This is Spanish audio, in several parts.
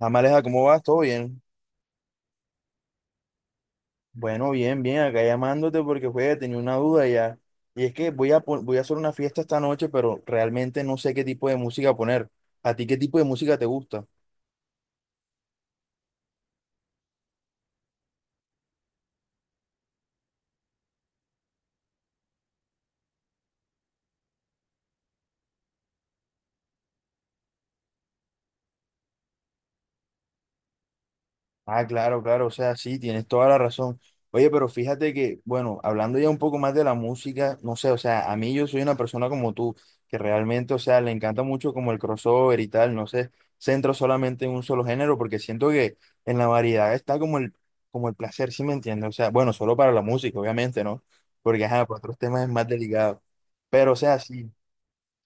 Amaleja, ¿cómo vas? ¿Todo bien? Bueno, bien, bien, acá llamándote porque, juega, tenía una duda ya. Y es que voy a hacer una fiesta esta noche, pero realmente no sé qué tipo de música poner. ¿A ti qué tipo de música te gusta? Ah, claro, claro, o sea, sí, tienes toda la razón. Oye, pero fíjate que, bueno, hablando ya un poco más de la música, no sé, o sea, a mí yo soy una persona como tú, que realmente, o sea, le encanta mucho como el crossover y tal, no sé, centro solamente en un solo género, porque siento que en la variedad está como el placer, ¿sí me entiendes? O sea, bueno, solo para la música, obviamente, ¿no? Porque, ajá, para otros temas es más delicado. Pero, o sea, sí.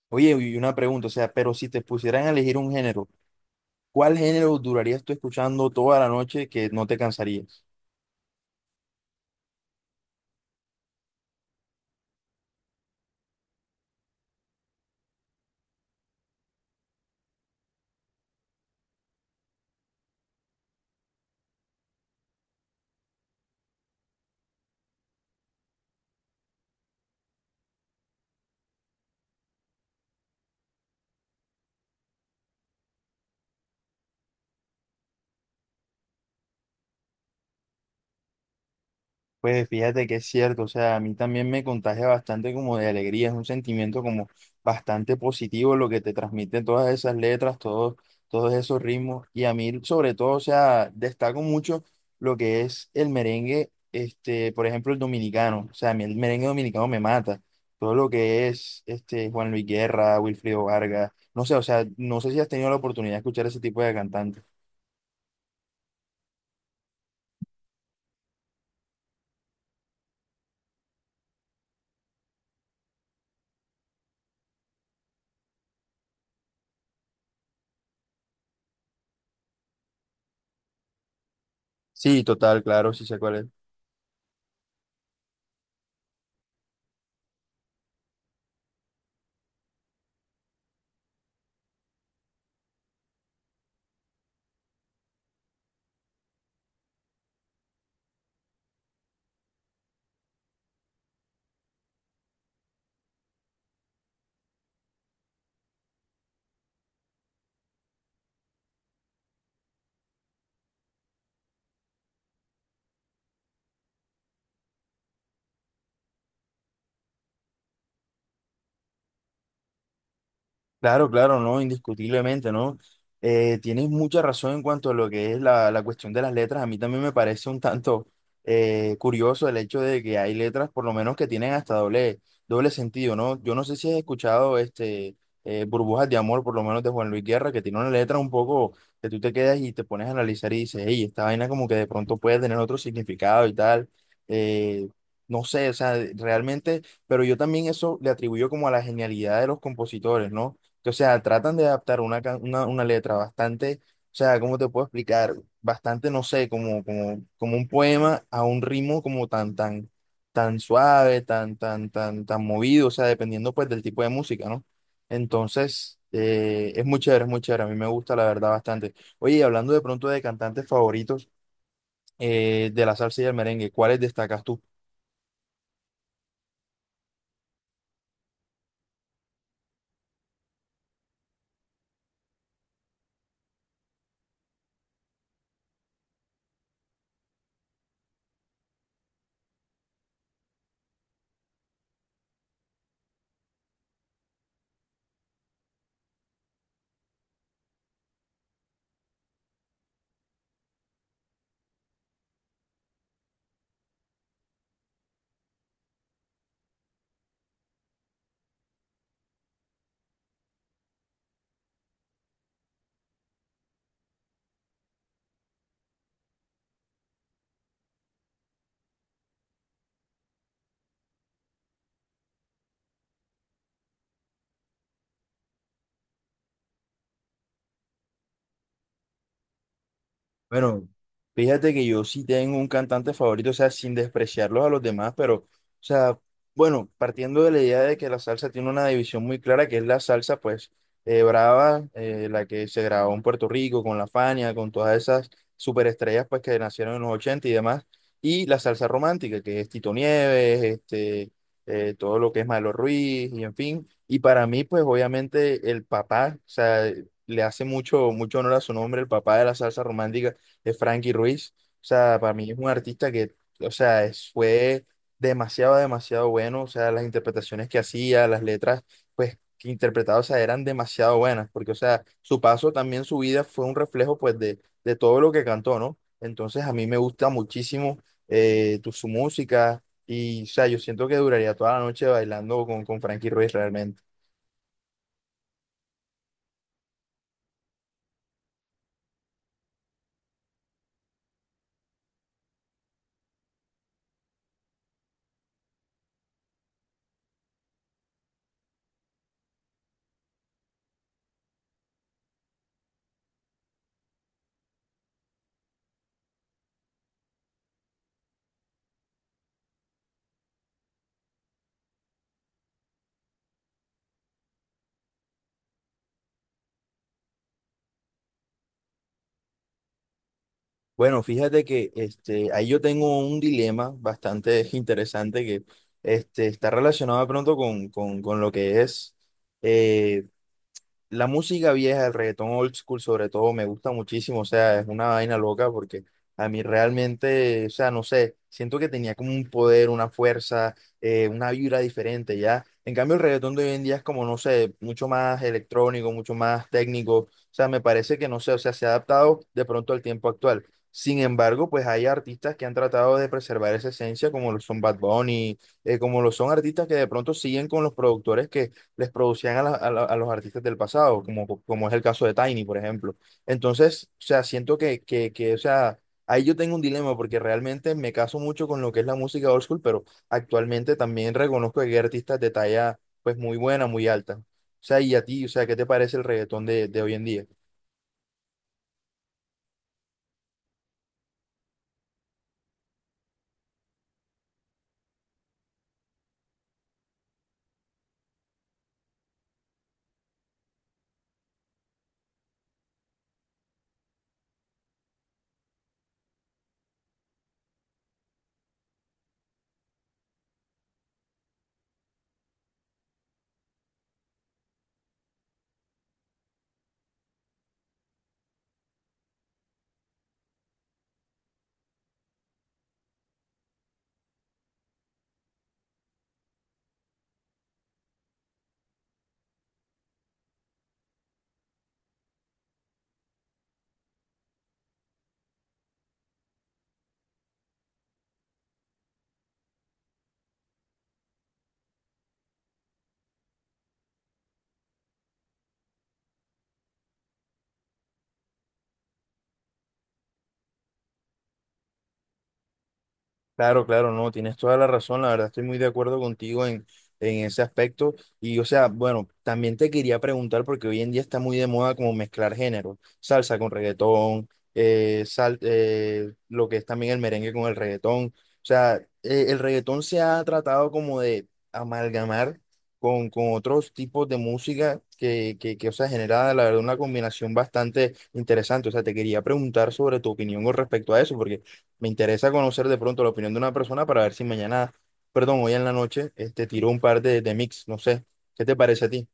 Oye, y una pregunta, o sea, pero si te pusieran a elegir un género, ¿cuál género durarías tú escuchando toda la noche que no te cansarías? Pues fíjate que es cierto, o sea, a mí también me contagia bastante como de alegría, es un sentimiento como bastante positivo lo que te transmiten todas esas letras, todos esos ritmos, y a mí sobre todo, o sea, destaco mucho lo que es el merengue, por ejemplo, el dominicano, o sea, a mí el merengue dominicano me mata, todo lo que es Juan Luis Guerra, Wilfrido Vargas, no sé, o sea, no sé si has tenido la oportunidad de escuchar ese tipo de cantantes. Sí, total, claro, sí sé cuál es. Claro, claro, no, indiscutiblemente, ¿no? Tienes mucha razón en cuanto a lo que es la, la cuestión de las letras. A mí también me parece un tanto curioso el hecho de que hay letras, por lo menos que tienen hasta doble sentido, ¿no? Yo no sé si has escuchado Burbujas de Amor, por lo menos de Juan Luis Guerra, que tiene una letra un poco que tú te quedas y te pones a analizar y dices, hey, esta vaina como que de pronto puede tener otro significado y tal. Eh, no sé, o sea, realmente, pero yo también eso le atribuyo como a la genialidad de los compositores, ¿no? Que, o sea, tratan de adaptar una letra bastante, o sea, ¿cómo te puedo explicar? Bastante, no sé, como un poema a un ritmo como tan suave, tan movido, o sea, dependiendo pues del tipo de música, ¿no? Entonces, es muy chévere, a mí me gusta la verdad bastante. Oye, y hablando de pronto de cantantes favoritos de la salsa y el merengue, ¿cuáles destacas tú? Bueno, fíjate que yo sí tengo un cantante favorito, o sea, sin despreciarlos a los demás, pero, o sea, bueno, partiendo de la idea de que la salsa tiene una división muy clara, que es la salsa, pues, brava, la que se grabó en Puerto Rico, con La Fania, con todas esas superestrellas, pues, que nacieron en los 80 y demás, y la salsa romántica, que es Tito Nieves, todo lo que es Maelo Ruiz, y en fin, y para mí, pues, obviamente, el papá, o sea, le hace mucho, mucho honor a su nombre, el papá de la salsa romántica de Frankie Ruiz. O sea, para mí es un artista que, o sea, fue demasiado, demasiado bueno. O sea, las interpretaciones que hacía, las letras, pues, que interpretaba, o sea, eran demasiado buenas. Porque, o sea, su paso también, su vida fue un reflejo, pues, de todo lo que cantó, ¿no? Entonces, a mí me gusta muchísimo tu, su música. Y, o sea, yo siento que duraría toda la noche bailando con Frankie Ruiz realmente. Bueno, fíjate que ahí yo tengo un dilema bastante interesante que está relacionado de pronto con lo que es, eh, la música vieja, el reggaetón old school sobre todo, me gusta muchísimo, o sea, es una vaina loca porque a mí realmente, o sea, no sé, siento que tenía como un poder, una fuerza, una vibra diferente, ¿ya? En cambio, el reggaetón de hoy en día es como, no sé, mucho más electrónico, mucho más técnico, o sea, me parece que, no sé, o sea, se ha adaptado de pronto al tiempo actual. Sin embargo, pues hay artistas que han tratado de preservar esa esencia, como lo son Bad Bunny, como lo son artistas que de pronto siguen con los productores que les producían a los artistas del pasado, como, como es el caso de Tiny, por ejemplo. Entonces, o sea, siento o sea, ahí yo tengo un dilema porque realmente me caso mucho con lo que es la música old school, pero actualmente también reconozco que hay artistas de talla, pues, muy buena, muy alta. O sea, y a ti, o sea, ¿qué te parece el reggaetón de hoy en día? Claro, claro, no, tienes toda la razón, la verdad estoy muy de acuerdo contigo en ese aspecto. Y o sea, bueno, también te quería preguntar, porque hoy en día está muy de moda como mezclar géneros, salsa con reggaetón, lo que es también el merengue con el reggaetón. O sea, el reggaetón se ha tratado como de amalgamar con otros tipos de música o sea, genera, la verdad, una combinación bastante interesante. O sea, te quería preguntar sobre tu opinión con respecto a eso, porque... Me interesa conocer de pronto la opinión de una persona para ver si mañana, perdón, hoy en la noche, tiro un par de mix, no sé. ¿Qué te parece a ti?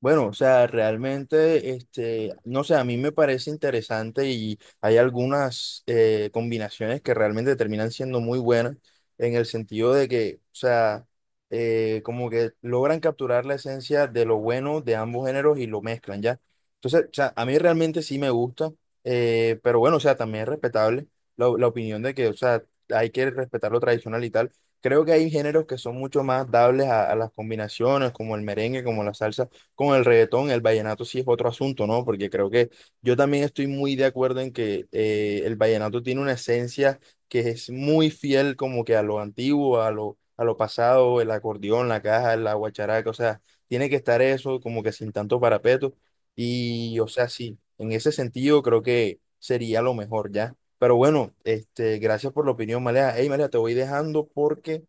Bueno, o sea, realmente, no sé, a mí me parece interesante y hay algunas combinaciones que realmente terminan siendo muy buenas en el sentido de que, o sea, como que logran capturar la esencia de lo bueno de ambos géneros y lo mezclan, ¿ya? Entonces, o sea, a mí realmente sí me gusta, pero bueno, o sea, también es respetable la opinión de que, o sea, hay que respetar lo tradicional y tal. Creo que hay géneros que son mucho más dables a las combinaciones, como el merengue, como la salsa con el reggaetón, el vallenato sí es otro asunto, ¿no? Porque creo que yo también estoy muy de acuerdo en que el vallenato tiene una esencia que es muy fiel como que a lo antiguo, a lo pasado, el acordeón, la caja, la guacharaca, o sea, tiene que estar eso como que sin tanto parapeto. Y, o sea, sí, en ese sentido creo que sería lo mejor ya. Pero bueno, gracias por la opinión, Malea. Hey, Malea, te voy dejando porque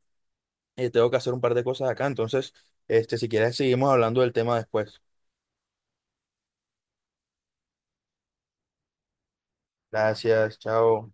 tengo que hacer un par de cosas acá. Entonces, si quieres, seguimos hablando del tema después. Gracias, chao.